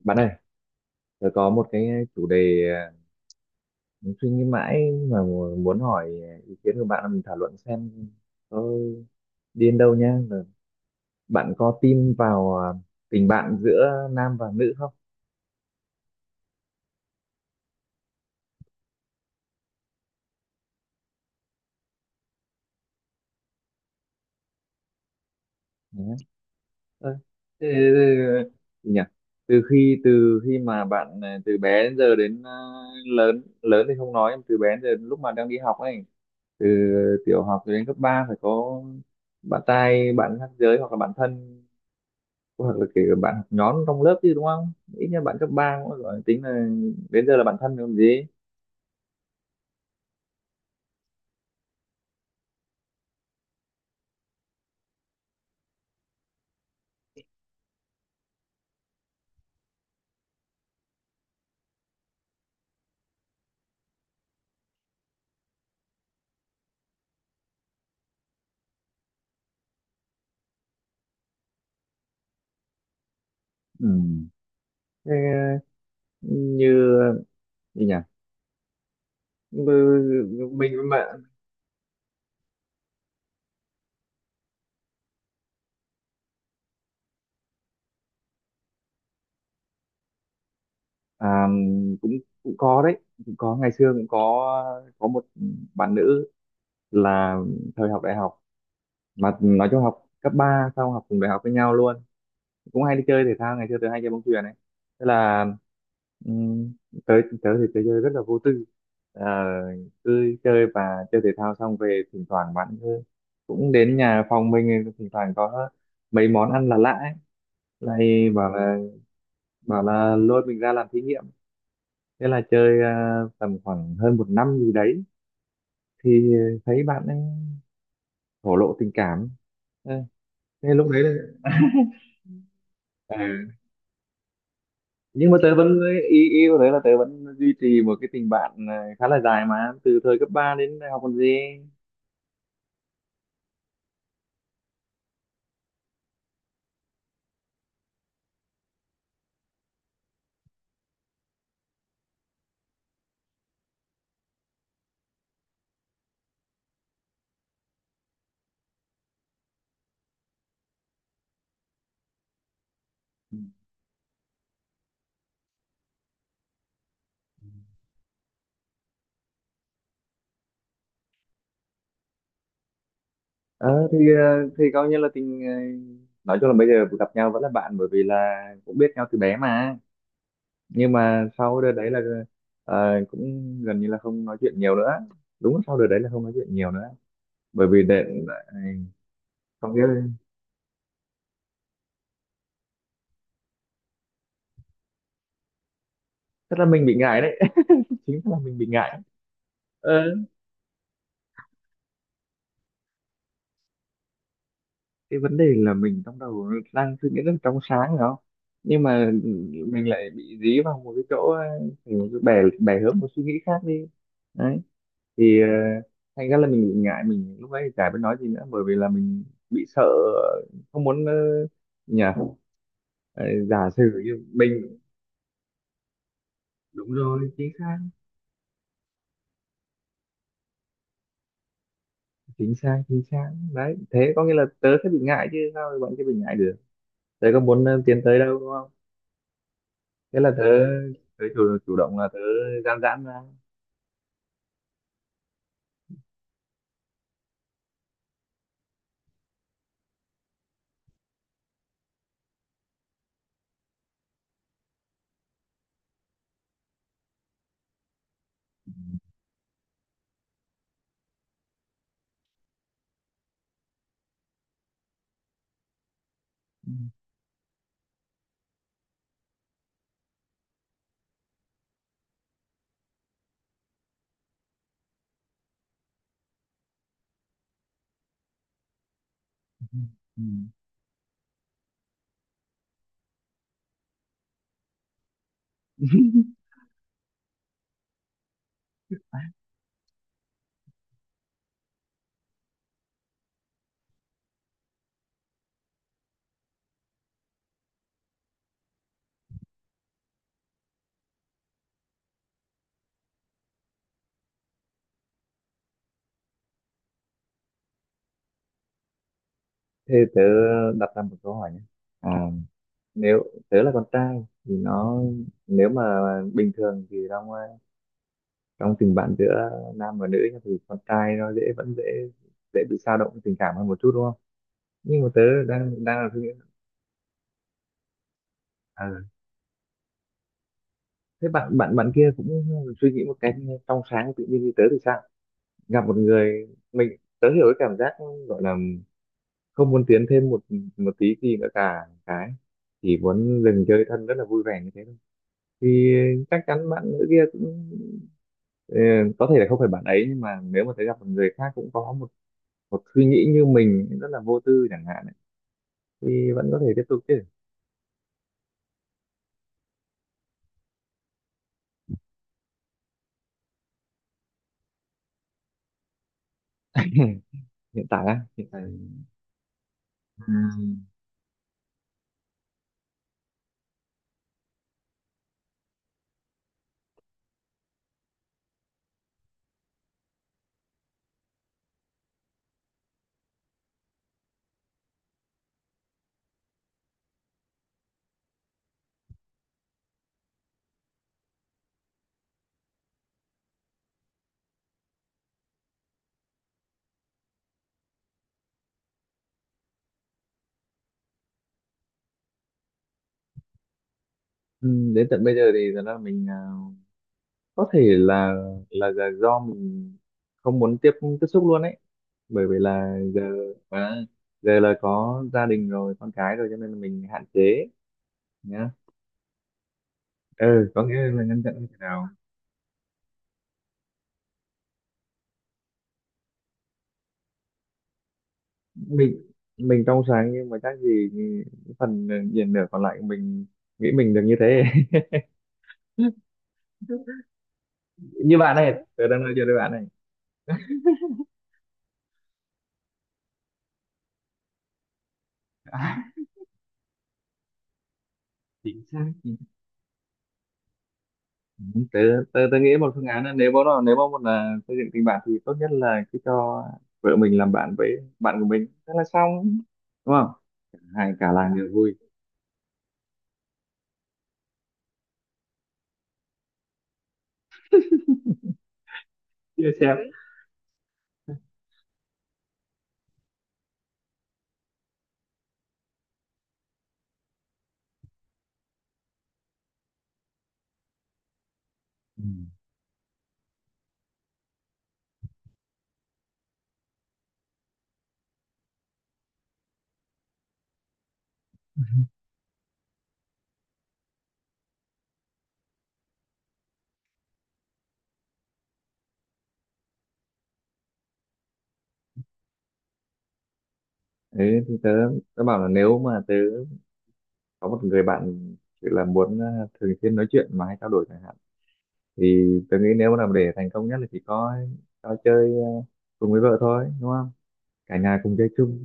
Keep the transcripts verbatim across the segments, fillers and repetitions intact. Bạn ơi, tôi có một cái chủ đề à, mình suy nghĩ mãi mà mu- muốn hỏi à, ý kiến của bạn là mình thảo luận xem có đi đến đâu nhá. Rồi bạn có tin vào à, tình bạn giữa nam và nữ không? Nhá. Ơ, thế- thế- thế- gì nhỉ? Từ khi từ khi mà bạn à, từ bé đến giờ đến à, lớn lớn thì không nói, từ bé đến giờ lúc mà đang đi học ấy, từ tiểu học đến cấp ba phải có bạn trai, bạn khác giới, hoặc là bạn thân, hoặc là kể cả bạn học nhóm trong lớp chứ, đúng không? Ít nhất bạn cấp ba cũng gọi tính là đến giờ là bạn thân rồi còn gì. Ừ. Thế, ừ, như gì nhỉ. Ừ, mình mà à, cũng cũng có đấy, cũng có. Ngày xưa cũng có có một bạn nữ, là thời học đại học, mà nói chung học cấp ba xong học cùng đại học với nhau luôn, cũng hay đi chơi thể thao. Ngày xưa tớ hay chơi bóng chuyền ấy, tức là um, tớ tớ thì tớ chơi rất là vô tư. Ờ, cứ chơi và chơi thể thao xong về, thỉnh thoảng bạn cứ- cũng đến nhà phòng mình, thỉnh thoảng có mấy món ăn là lạ ấy, lại bảo là, bảo là lôi mình ra làm thí nghiệm. Thế là chơi ờ, tầm khoảng hơn một năm gì đấy, thì thấy bạn ấy thổ lộ tình cảm. Ờ, thế lúc đấy là, à, nhưng mà tớ vẫn, ý ý của tớ là tớ vẫn duy trì một cái tình bạn ờ, khá là dài mà từ thời cấp ba đến đại học còn gì. Ờ thì ờ, thì coi như là tình ờ, nói chung là bây giờ gặp nhau vẫn là bạn, bởi vì là cũng biết nhau từ bé mà. Nhưng mà sau đợt đấy là ờ, cũng gần như là không nói chuyện nhiều nữa, đúng là sau đợt đấy là không nói chuyện nhiều nữa, bởi vì để, để không biết. Tức là mình bị ngại đấy. Chính là mình bị ngại. Cái vấn đề là mình trong đầu đang suy nghĩ rất là trong sáng phải không, nhưng mà mình lại bị dí vào một cái chỗ ờ, thành một cái bè bè hướng một suy nghĩ khác đi, đấy. Thì ờ, thành ra là mình bị ngại, mình lúc đấy thì chả biết nói gì nữa, bởi vì là mình bị sợ, không muốn ờ, nhỉ, ờ, giả sử như mình đúng rồi. Chính xác, chính xác, chính xác đấy, thế có nghĩa là tớ sẽ bị ngại chứ sao bạn kia bị ngại được. Tớ có muốn ờ, tiến tới đâu đúng không. Thế là tớ, tớ chủ, chủ động là tớ gian giãn ra. Ừ. Ừ. Thế tớ đặt ra một câu hỏi nhé. À, nếu tớ là con trai thì nó, nếu mà bình thường thì trong ờ, trong tình bạn giữa nam và nữ nhá, thì con trai nó dễ, vẫn dễ, dễ bị dao động tình cảm hơn một chút đúng không? Nhưng mà tớ đang đang là suy nghĩ, à, thế bạn bạn bạn kia cũng suy nghĩ một cách trong sáng tự nhiên như tớ thì sao? Gặp một người, mình tớ hiểu cái cảm giác gọi là không muốn tiến thêm một một tí gì nữa cả, cái chỉ muốn dừng chơi thân rất là vui vẻ như thế thôi, thì chắc chắn bạn nữ kia cũng ờ, có thể là không phải bạn ấy, nhưng mà nếu mà thấy gặp một người khác cũng có một một suy nghĩ như mình rất là vô tư chẳng hạn ấy, thì vẫn có thể tiếp tục chứ. Hiện tại á, hiện tại, ừm, ừm, đến tận bây giờ thì thật ra là mình à, có thể là, là là do mình không muốn tiếp tiếp xúc luôn ấy, bởi vì là giờ à, giờ là có gia đình rồi, con cái rồi, cho nên là mình hạn chế. Nhá. Ừ, có nghĩa là ngăn chặn như thế nào. mình mình trong sáng nhưng mà chắc gì phần diện nửa còn lại của mình nghĩ mình được như thế. Như bạn này, tớ đang nói chuyện với bạn này. Chính xác. Ừ, tớ, tớ, tớ nghĩ một phương án là nếu mà, nếu mà một là xây dựng tình bạn thì tốt nhất là cứ cho vợ mình làm bạn với bạn của mình, thế là xong, đúng không, hai cả làng đều vui. Chia sẻ. Ừ. Thế thì tớ, tớ bảo là nếu mà tớ có một người bạn chỉ là muốn ờ, thường xuyên nói chuyện mà hay trao đổi chẳng hạn, thì tớ nghĩ nếu mà làm để thành công nhất là chỉ có cho chơi ờ, cùng với vợ thôi, đúng không, cả nhà cùng chơi chung.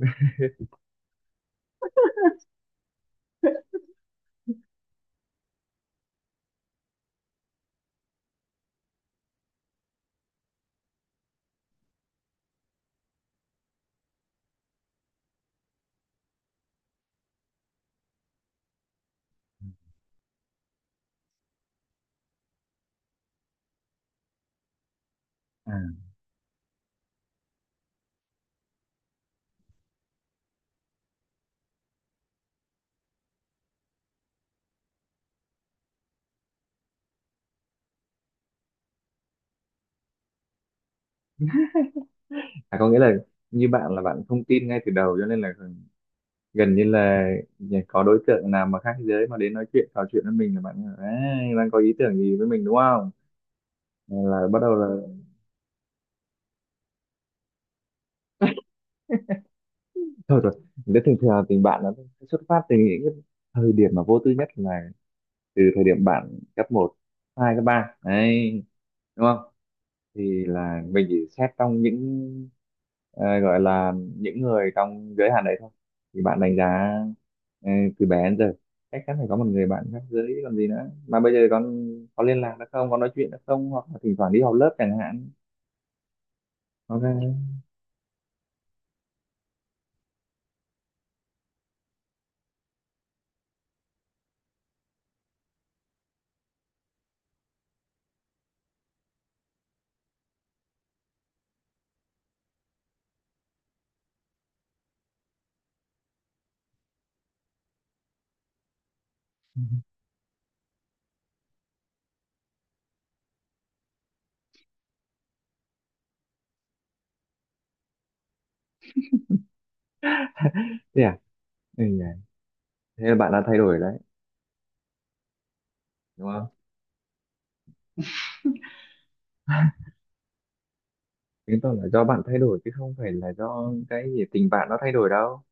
À, à có nghĩa là như bạn là bạn không tin ngay từ đầu, cho nên là gần như là có đối tượng nào mà khác giới mà đến nói chuyện trò chuyện với mình là bạn "Ấy, đang có ý tưởng gì với mình đúng không", là bắt đầu là thôi rồi. Nếu thường thường tình bạn nó xuất phát từ những cái thời điểm mà vô tư nhất là từ thời điểm bạn cấp một, hai, cấp ba, đấy, đúng không, thì là mình chỉ xét trong những ờ, gọi là những người trong giới hạn đấy thôi, thì bạn đánh giá ờ, từ bé đến giờ chắc chắn phải có một người bạn khác giới còn gì nữa, mà bây giờ con có liên lạc được không, có nói chuyện được không, hoặc là thỉnh thoảng đi học lớp chẳng hạn. Ok. Thế à. Ừ, nhỉ. Thế là bạn đã thay đổi đấy, đúng không, chứng tỏ là do bạn thay đổi chứ không phải là do cái gì tình bạn nó thay đổi đâu.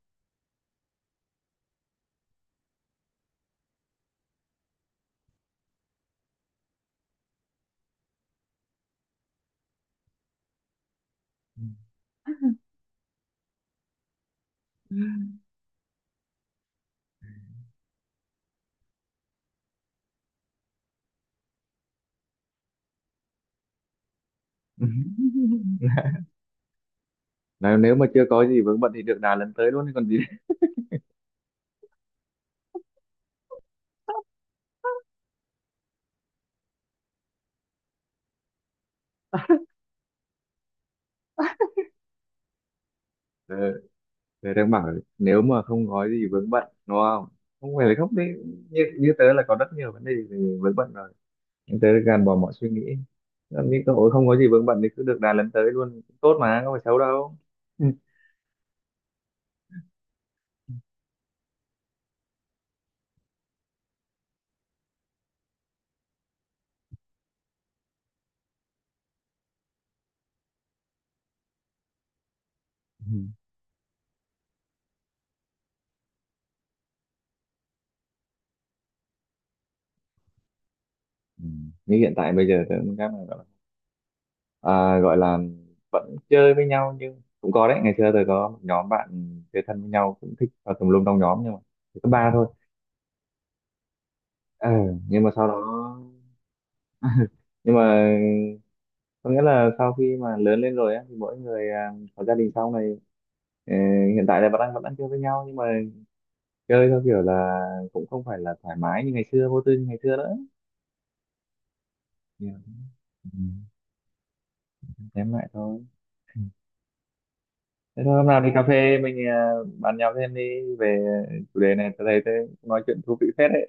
Ừ. Nếu, nếu mà chưa có gì vướng bận thì được đà lần tới luôn chứ còn gì. Ờ, tớ đang bảo nếu mà không có gì vướng bận, đúng không? Không phải là không đấy. Như, như tớ là có rất nhiều vấn đề về vướng bận rồi. Nhưng tớ gạt bỏ mọi suy nghĩ. Làm như cơ hội không có gì vướng bận thì cứ được đà lần tới luôn. Tốt mà, không phải xấu đâu. Ừ. Ừ. Ừ. Như hiện tại bây giờ tớ cũng các bạn gọi là, à, gọi là vẫn chơi với nhau nhưng cũng có đấy. Ngày xưa tớ có một nhóm bạn chơi thân với nhau, cũng thích vào tùm lum trong nhóm nhưng mà chỉ có ba thôi. Ừ. Nhưng mà sau đó, nhưng mà có nghĩa là sau khi mà lớn lên rồi á, thì mỗi người à, có gia đình sau này, ờ, hiện tại là vẫn đang vẫn đang chơi với nhau nhưng mà chơi theo kiểu là cũng không phải là thoải mái như ngày xưa, vô tư như ngày xưa nữa. Yeah. Ừ. Em lại thôi. Thế thôi hôm nào đi cà phê mình, à, bàn nhau thêm đi về chủ đề này. Tớ thấy tớ nói chuyện thú vị phết đấy.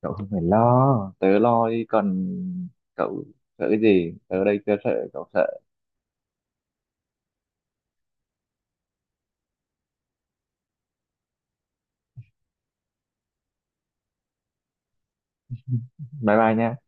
Cậu không phải lo, tớ lo đi còn, cậu sợ cái gì, tớ ở đây chưa sợ cậu sợ. Bye bye nha.